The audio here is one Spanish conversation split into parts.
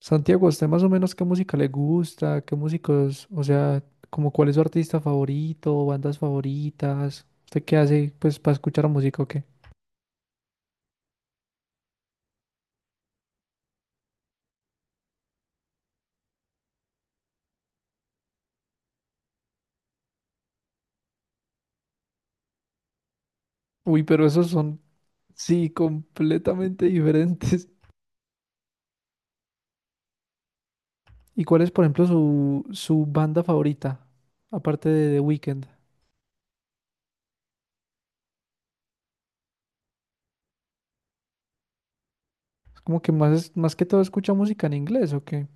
Santiago, ¿a ¿usted más o menos qué música le gusta? ¿Qué músicos, como cuál es su artista favorito, bandas favoritas? ¿Usted qué hace pues para escuchar música o qué? Uy, pero esos son, sí, completamente diferentes. ¿Y cuál es, por ejemplo, su banda favorita? Aparte de The Weeknd. Es como que más, más que todo escucha música en inglés o qué.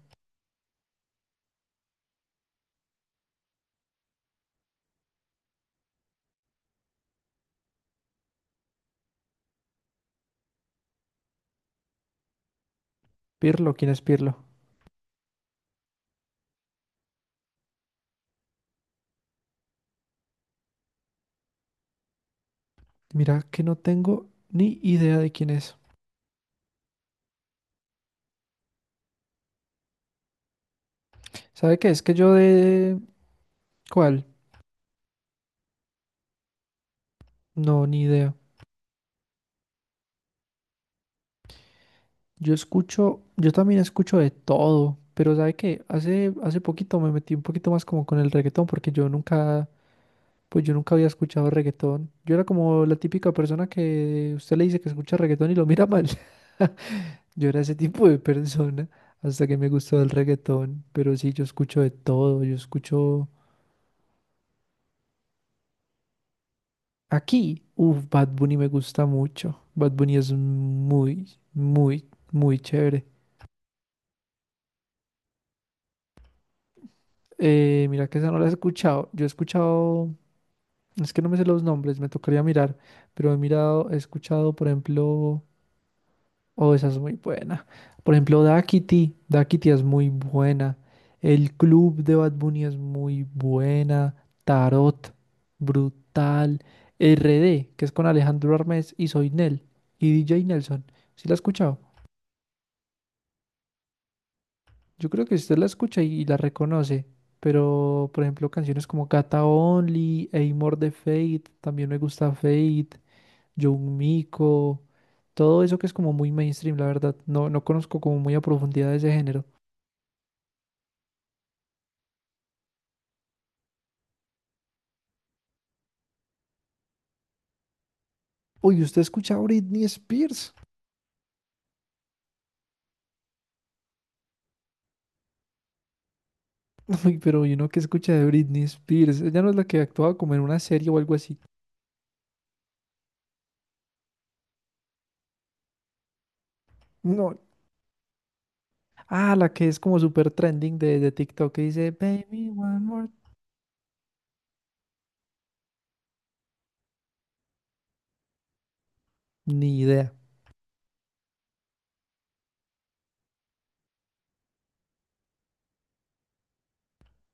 Pirlo, ¿quién es Pirlo? Mira que no tengo ni idea de quién es. ¿Sabe qué? Es que yo de... ¿Cuál? No, ni idea. Yo escucho, yo también escucho de todo, pero ¿sabe qué? Hace poquito me metí un poquito más como con el reggaetón, porque yo nunca, pues yo nunca había escuchado reggaetón. Yo era como la típica persona que usted le dice que escucha reggaetón y lo mira mal. Yo era ese tipo de persona hasta que me gustó el reggaetón, pero sí, yo escucho de todo, yo escucho aquí, uff, Bad Bunny me gusta mucho. Bad Bunny es muy, muy, muy chévere. Mira que esa no la he escuchado. Yo he escuchado. Es que no me sé los nombres, me tocaría mirar, pero he mirado, he escuchado, por ejemplo, oh, esa es muy buena. Por ejemplo, Daquiti, Daquiti es muy buena. El club de Bad Bunny es muy buena. Tarot, brutal. RD, que es con Alejandro Armes y Soy Nel y DJ Nelson. ¿Sí la ha escuchado? Yo creo que usted la escucha y la reconoce, pero por ejemplo, canciones como Gata Only, Amor de Fate, también me gusta Fate, Young Miko. Todo eso que es como muy mainstream, la verdad. No, no conozco como muy a profundidad ese género. Uy, ¿usted escucha a Britney Spears? Uy, pero ¿y uno que escucha de Britney Spears? Ella no es la que actuaba como en una serie o algo así. No. Ah, la que es como súper trending de TikTok que dice Baby One More. Ni idea.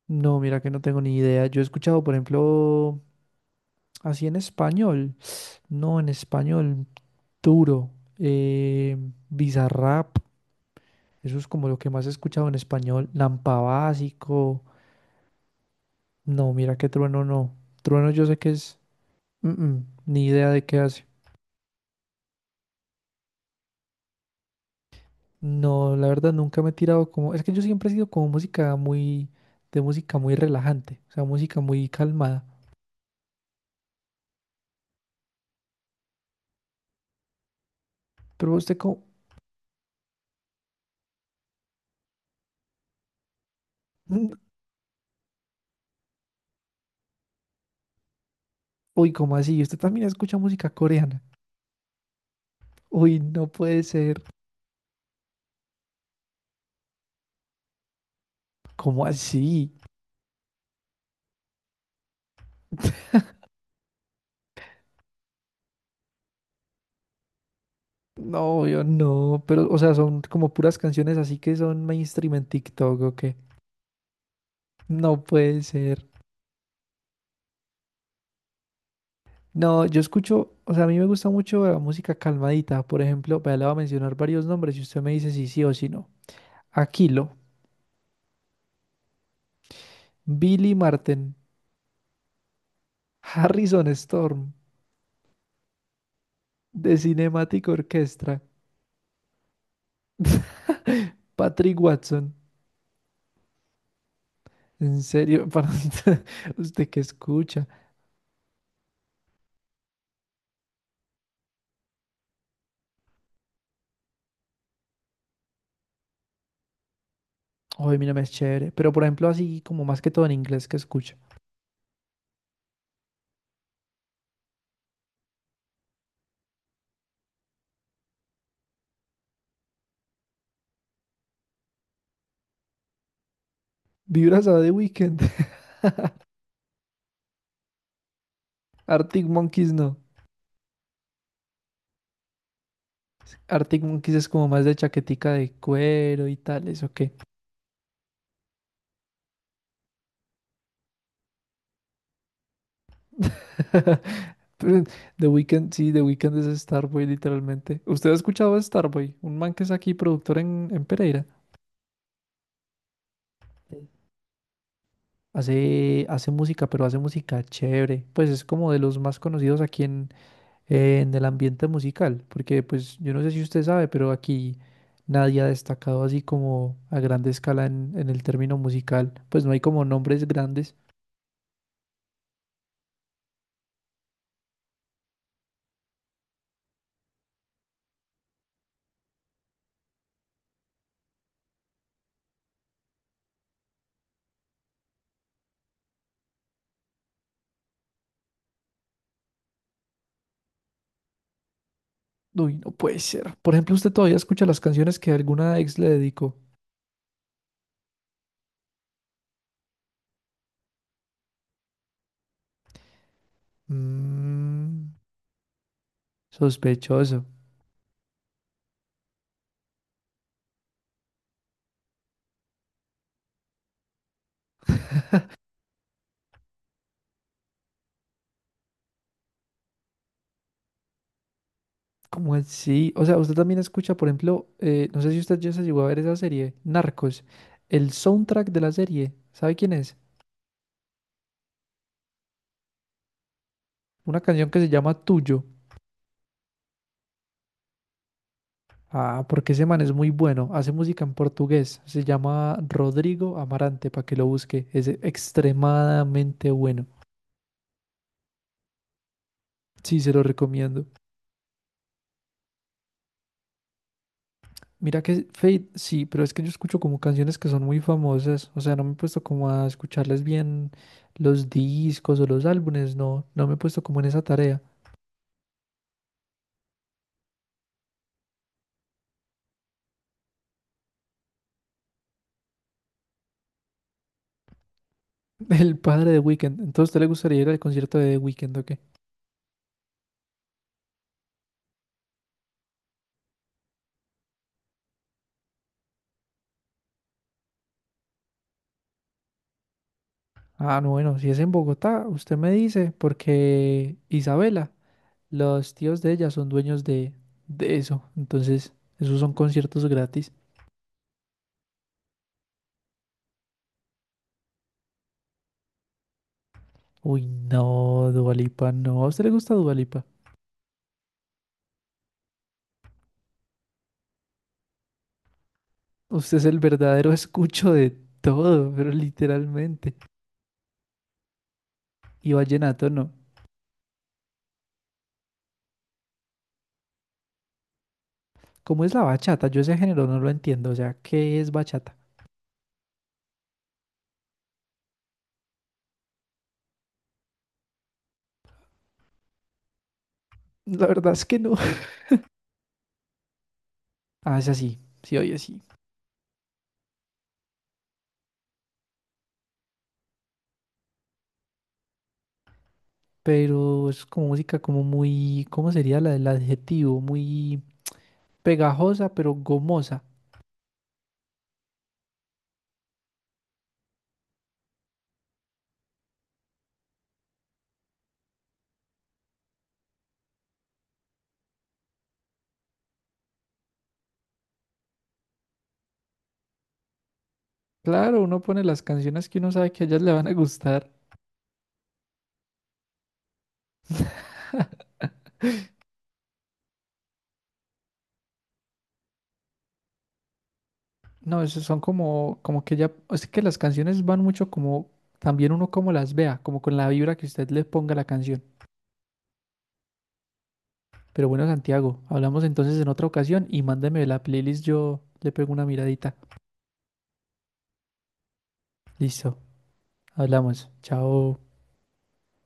No, mira que no tengo ni idea. Yo he escuchado, por ejemplo, así en español. No, en español duro. Eh, Bizarrap. Eso es como lo que más he escuchado en español. Lampa Básico. No, mira que Trueno no. Trueno yo sé que es... mm, mm, ni idea de qué hace. No, la verdad nunca me he tirado como... Es que yo siempre he sido como música muy... De música muy relajante. O sea, música muy calmada. Pero usted como... mm, Uy, ¿cómo así? ¿Usted también escucha música coreana? Uy, no puede ser. ¿Cómo así? No, yo no. Pero, o sea, son como puras canciones así que son mainstream en TikTok o qué. No puede ser. No, yo escucho, o sea, a mí me gusta mucho la música calmadita. Por ejemplo, vea, le voy a mencionar varios nombres y usted me dice si sí o si no. Aquilo, Billy Martin, Harrison Storm, The Cinematic Orchestra, Patrick Watson. En serio, para usted ¿usted qué escucha? Ay, mira, me es chévere. Pero por ejemplo, así como más que todo en inglés que escucha. Vibras a The Weeknd. Arctic Monkeys no. ¿Arctic Monkeys es como más de chaquetica de cuero y tales o qué? Pero The Weeknd, sí, The Weeknd es Starboy, literalmente. ¿Usted ha escuchado a Starboy? Un man que es aquí productor en Pereira. Sí. Hace música, pero hace música chévere. Pues es como de los más conocidos aquí en el ambiente musical. Porque, pues, yo no sé si usted sabe, pero aquí nadie ha destacado así como a grande escala en el término musical. Pues no hay como nombres grandes. Uy, no puede ser. Por ejemplo, usted todavía escucha las canciones que alguna ex le dedicó. Mm, sospechoso. ¿Cómo así? O sea, usted también escucha, por ejemplo, no sé si usted ya se llegó a ver esa serie, Narcos. El soundtrack de la serie, ¿sabe quién es? Una canción que se llama Tuyo. Ah, porque ese man es muy bueno. Hace música en portugués. Se llama Rodrigo Amarante, para que lo busque. Es extremadamente bueno. Sí, se lo recomiendo. Mira que Fate, sí, pero es que yo escucho como canciones que son muy famosas. O sea, no me he puesto como a escucharles bien los discos o los álbumes. No, no me he puesto como en esa tarea. El padre de Weekend. Entonces, ¿usted le gustaría ir al concierto de Weekend o qué? Ah, no, bueno, si es en Bogotá, usted me dice, porque Isabela, los tíos de ella son dueños de eso. Entonces, esos son conciertos gratis. Uy, no, Dualipa, no. ¿A usted le gusta Dualipa? Usted es el verdadero escucho de todo, pero literalmente. Y vallenato no. ¿Cómo es la bachata? Yo ese género no lo entiendo. O sea, ¿qué es bachata? La verdad es que no. Ah, es así. Sí, oye, sí. Pero es como música como muy, ¿cómo sería el adjetivo? Muy pegajosa, pero gomosa. Claro, uno pone las canciones que uno sabe que a ellas le van a gustar. No, eso son como, como que ya, es que las canciones van mucho como, también uno como las vea, como con la vibra que usted le ponga a la canción. Pero bueno, Santiago, hablamos entonces en otra ocasión y mándeme la playlist, yo le pego una miradita. Listo, hablamos, chao.